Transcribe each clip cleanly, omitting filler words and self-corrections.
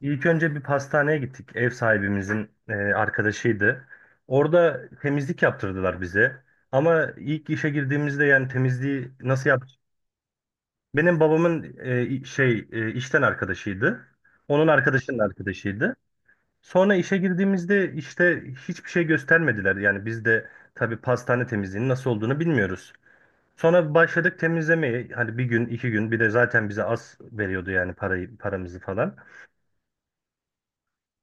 İlk önce bir pastaneye gittik. Ev sahibimizin arkadaşıydı. Orada temizlik yaptırdılar bize. Ama ilk işe girdiğimizde yani temizliği nasıl yap? Benim babamın işten arkadaşıydı. Onun arkadaşının arkadaşıydı. Sonra işe girdiğimizde işte hiçbir şey göstermediler. Yani biz de tabii pastane temizliğinin nasıl olduğunu bilmiyoruz. Sonra başladık temizlemeye. Hani bir gün, iki gün, bir de zaten bize az veriyordu yani parayı, paramızı falan.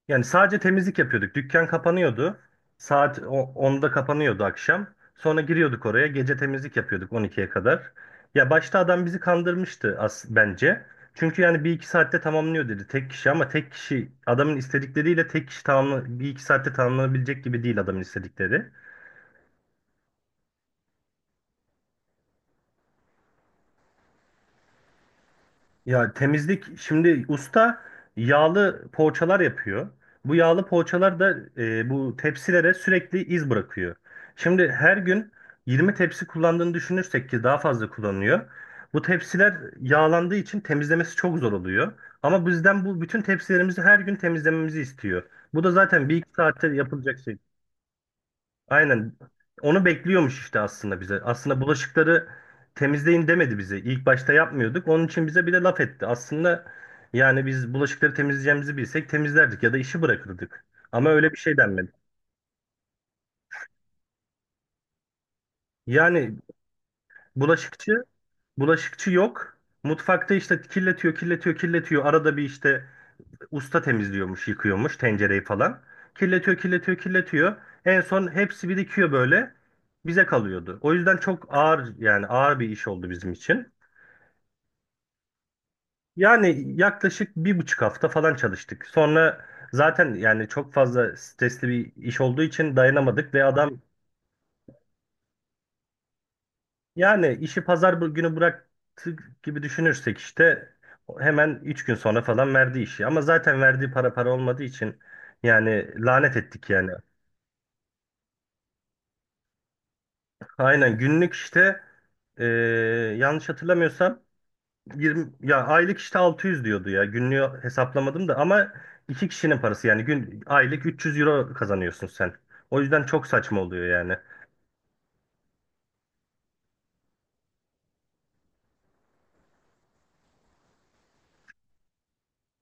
Yani sadece temizlik yapıyorduk. Dükkan kapanıyordu. Saat 10'da kapanıyordu akşam. Sonra giriyorduk oraya. Gece temizlik yapıyorduk 12'ye kadar. Ya başta adam bizi kandırmıştı as bence. Çünkü yani bir iki saatte tamamlıyor dedi tek kişi, ama tek kişi adamın istedikleriyle tek kişi tamamla, bir iki saatte tamamlanabilecek gibi değil adamın istedikleri. Ya temizlik şimdi usta yağlı poğaçalar yapıyor. Bu yağlı poğaçalar da bu tepsilere sürekli iz bırakıyor. Şimdi her gün 20 tepsi kullandığını düşünürsek, ki daha fazla kullanıyor. Bu tepsiler yağlandığı için temizlemesi çok zor oluyor. Ama bizden bu bütün tepsilerimizi her gün temizlememizi istiyor. Bu da zaten bir iki saatte yapılacak şey. Aynen. Onu bekliyormuş işte aslında bize. Aslında bulaşıkları temizleyin demedi bize. İlk başta yapmıyorduk. Onun için bize bir de laf etti. Aslında yani biz bulaşıkları temizleyeceğimizi bilsek temizlerdik ya da işi bırakırdık. Ama öyle bir şey denmedi. Yani bulaşıkçı, bulaşıkçı yok. Mutfakta işte kirletiyor, kirletiyor, kirletiyor. Arada bir işte usta temizliyormuş, yıkıyormuş tencereyi falan. Kirletiyor, kirletiyor, kirletiyor. En son hepsi birikiyor böyle. Bize kalıyordu. O yüzden çok ağır, yani ağır bir iş oldu bizim için. Yani yaklaşık bir buçuk hafta falan çalıştık. Sonra zaten yani çok fazla stresli bir iş olduğu için dayanamadık ve adam, yani işi günü bıraktık gibi düşünürsek, işte hemen üç gün sonra falan verdi işi. Ama zaten verdiği para para olmadığı için yani lanet ettik yani. Aynen günlük işte, e, yanlış hatırlamıyorsam 20, ya aylık işte 600 diyordu ya. Günlüğü hesaplamadım da, ama iki kişinin parası yani gün aylık 300 euro kazanıyorsun sen. O yüzden çok saçma oluyor yani.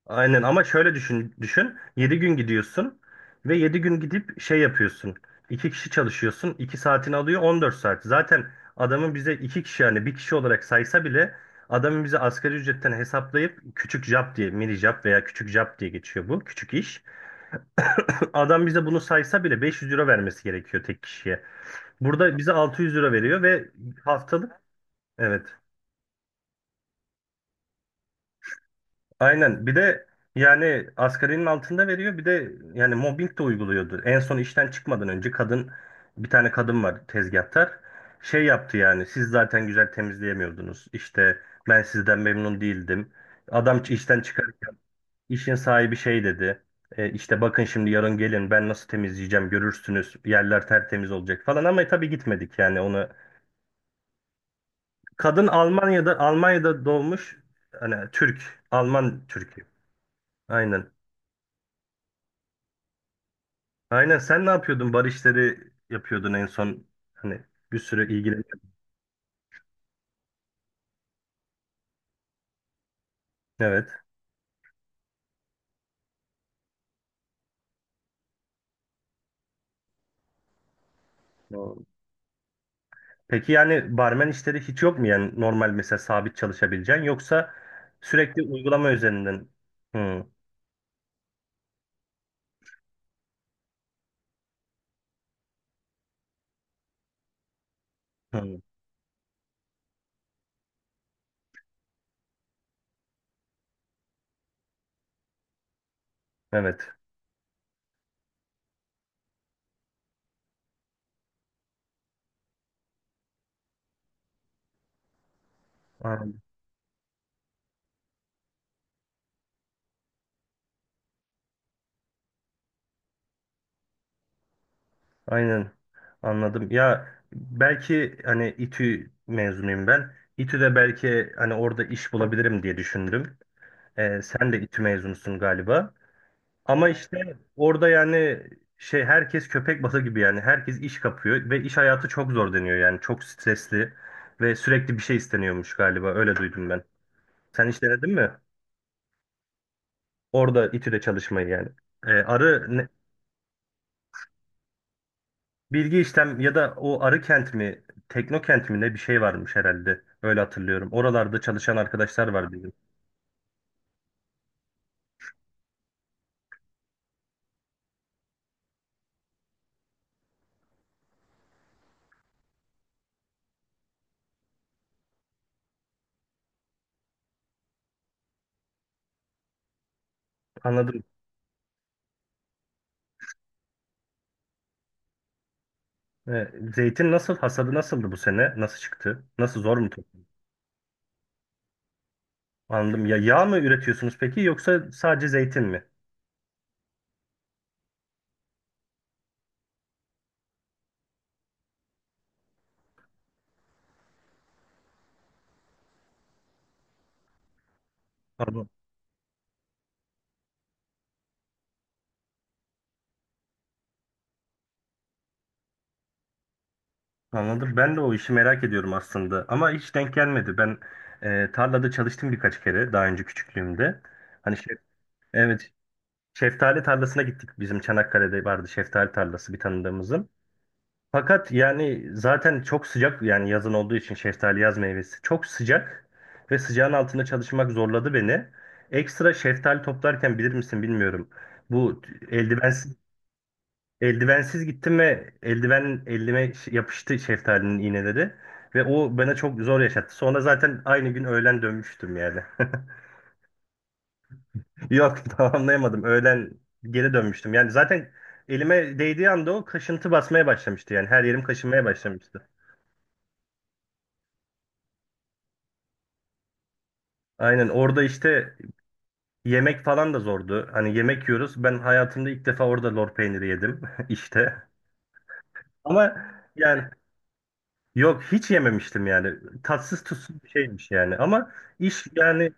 Aynen, ama şöyle düşün. Yedi gün gidiyorsun ve 7 gün gidip şey yapıyorsun. İki kişi çalışıyorsun. İki saatini alıyor 14 saat. Zaten adamın bize 2 kişi yani bir kişi olarak saysa bile, adamın bize asgari ücretten hesaplayıp küçük job diye, mini job veya küçük job diye geçiyor bu küçük iş. Adam bize bunu saysa bile 500 euro vermesi gerekiyor tek kişiye. Burada bize 600 euro veriyor ve haftalık, evet. Aynen. Bir de yani asgarinin altında veriyor. Bir de yani mobbing de uyguluyordu. En son işten çıkmadan önce kadın, bir tane kadın var tezgahtar. Şey yaptı yani, siz zaten güzel temizleyemiyordunuz. İşte ben sizden memnun değildim. Adam işten çıkarken işin sahibi şey dedi. İşte bakın şimdi, yarın gelin ben nasıl temizleyeceğim görürsünüz. Yerler tertemiz olacak falan, ama tabii gitmedik yani onu. Kadın Almanya'da doğmuş. Hani Türk, Alman Türk'ü. Aynen. Aynen, sen ne yapıyordun? Bar işleri yapıyordun en son. Hani bir sürü ilgileniyordun. Evet. Doğru. Peki yani barmen işleri hiç yok mu? Yani normal, mesela sabit çalışabileceğin, yoksa sürekli uygulama üzerinden. Hı hı. Evet. Aynen. Aynen. Anladım. Ya belki hani İTÜ mezunuyum ben. İTÜ'de belki hani orada iş bulabilirim diye düşündüm. Sen de İTÜ mezunusun galiba. Ama işte orada yani şey, herkes köpek balığı gibi, yani herkes iş kapıyor ve iş hayatı çok zor deniyor yani, çok stresli ve sürekli bir şey isteniyormuş galiba, öyle duydum ben. Sen hiç denedin mi? Orada İTÜ'de çalışmayı yani. Ee, arı ne- bilgi işlem ya da o arı kent mi, Teknokent mi, ne bir şey varmış herhalde, öyle hatırlıyorum. Oralarda çalışan arkadaşlar var bizim. Anladım. Zeytin nasıl, hasadı nasıldı bu sene? Nasıl çıktı? Nasıl, zor mu? Anladım. Ya yağ mı üretiyorsunuz peki, yoksa sadece zeytin mi? Anladım. Anladım. Ben de o işi merak ediyorum aslında. Ama hiç denk gelmedi. Ben tarlada çalıştım birkaç kere daha önce, küçüklüğümde. Hani şef, evet, şeftali tarlasına gittik. Bizim Çanakkale'de vardı şeftali tarlası, bir tanıdığımızın. Fakat yani zaten çok sıcak yani, yazın olduğu için, şeftali yaz meyvesi, çok sıcak ve sıcağın altında çalışmak zorladı beni. Ekstra şeftali toplarken bilir misin bilmiyorum. Bu eldivensiz Eldivensiz gittim ve eldiven elime yapıştı, şeftalinin iğneleri. Ve o bana çok zor yaşattı. Sonra zaten aynı gün öğlen dönmüştüm yani. Yok, tamamlayamadım. Öğlen geri dönmüştüm. Yani zaten elime değdiği anda o kaşıntı basmaya başlamıştı. Yani her yerim kaşınmaya başlamıştı. Aynen orada işte yemek falan da zordu. Hani yemek yiyoruz. Ben hayatımda ilk defa orada lor peyniri yedim işte. Ama yani, yok hiç yememiştim yani. Tatsız tuzsuz bir şeymiş yani. Ama iş yani.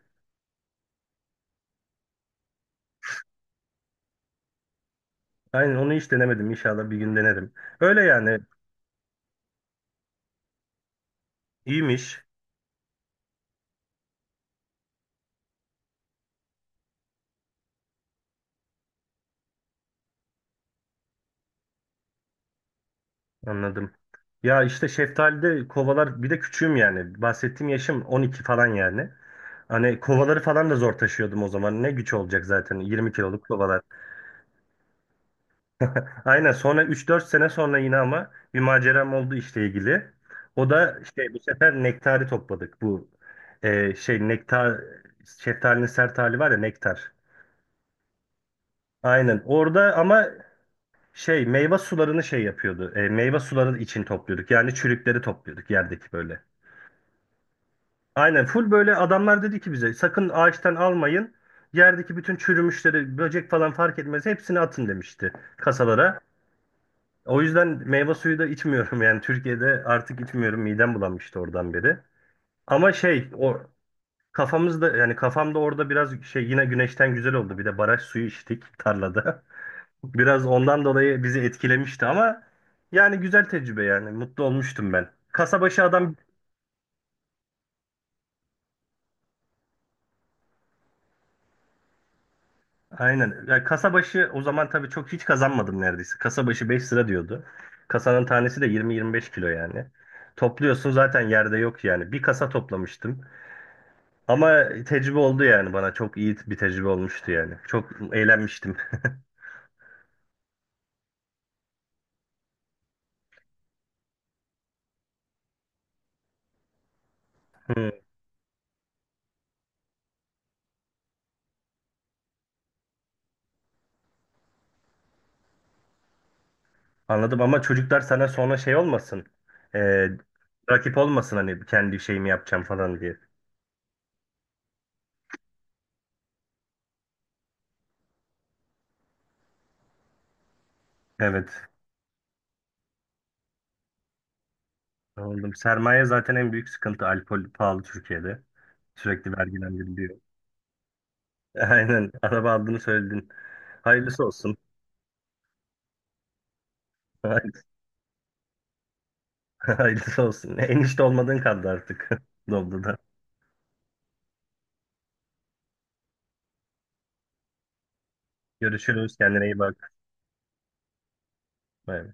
Aynen, onu hiç denemedim. İnşallah bir gün denerim. Öyle yani, iyiymiş. Anladım. Ya işte şeftalide kovalar, bir de küçüğüm yani. Bahsettiğim yaşım 12 falan yani. Hani kovaları falan da zor taşıyordum o zaman. Ne güç olacak zaten 20 kiloluk kovalar. Aynen, sonra üç dört sene sonra yine ama bir maceram oldu işle ilgili. O da işte bu sefer nektarı topladık. Bu e, şey nektar, şeftalinin sert hali var ya, nektar. Aynen orada, ama şey meyve sularını şey yapıyordu. Meyve suları için topluyorduk. Yani çürükleri topluyorduk, yerdeki böyle. Aynen, full böyle, adamlar dedi ki bize sakın ağaçtan almayın. Yerdeki bütün çürümüşleri, böcek falan fark etmez, hepsini atın demişti kasalara. O yüzden meyve suyu da içmiyorum yani Türkiye'de, artık içmiyorum, midem bulanmıştı oradan beri. Ama şey, o kafamızda yani kafamda orada biraz şey, yine güneşten güzel oldu, bir de baraj suyu içtik tarlada. Biraz ondan dolayı bizi etkilemişti, ama yani güzel tecrübe yani. Mutlu olmuştum ben. Kasabaşı adam aynen. Yani kasabaşı, o zaman tabii çok hiç kazanmadım neredeyse. Kasabaşı 5 lira diyordu. Kasanın tanesi de 20-25 kilo yani. Topluyorsun, zaten yerde yok yani. Bir kasa toplamıştım. Ama tecrübe oldu yani bana. Çok iyi bir tecrübe olmuştu yani. Çok eğlenmiştim. Hı. Anladım, ama çocuklar sana sonra şey olmasın. Ee, rakip olmasın, hani kendi şeyimi yapacağım falan diye. Evet. Anladım. Sermaye zaten en büyük sıkıntı. Alkol pahalı Türkiye'de. Sürekli vergilendiriliyor. Aynen. Araba aldığını söyledin. Hayırlısı olsun. Hayırlısı, hayırlısı olsun. Enişte olmadığın kaldı artık. Doldu da. Görüşürüz. Kendine iyi bak. Bay bay.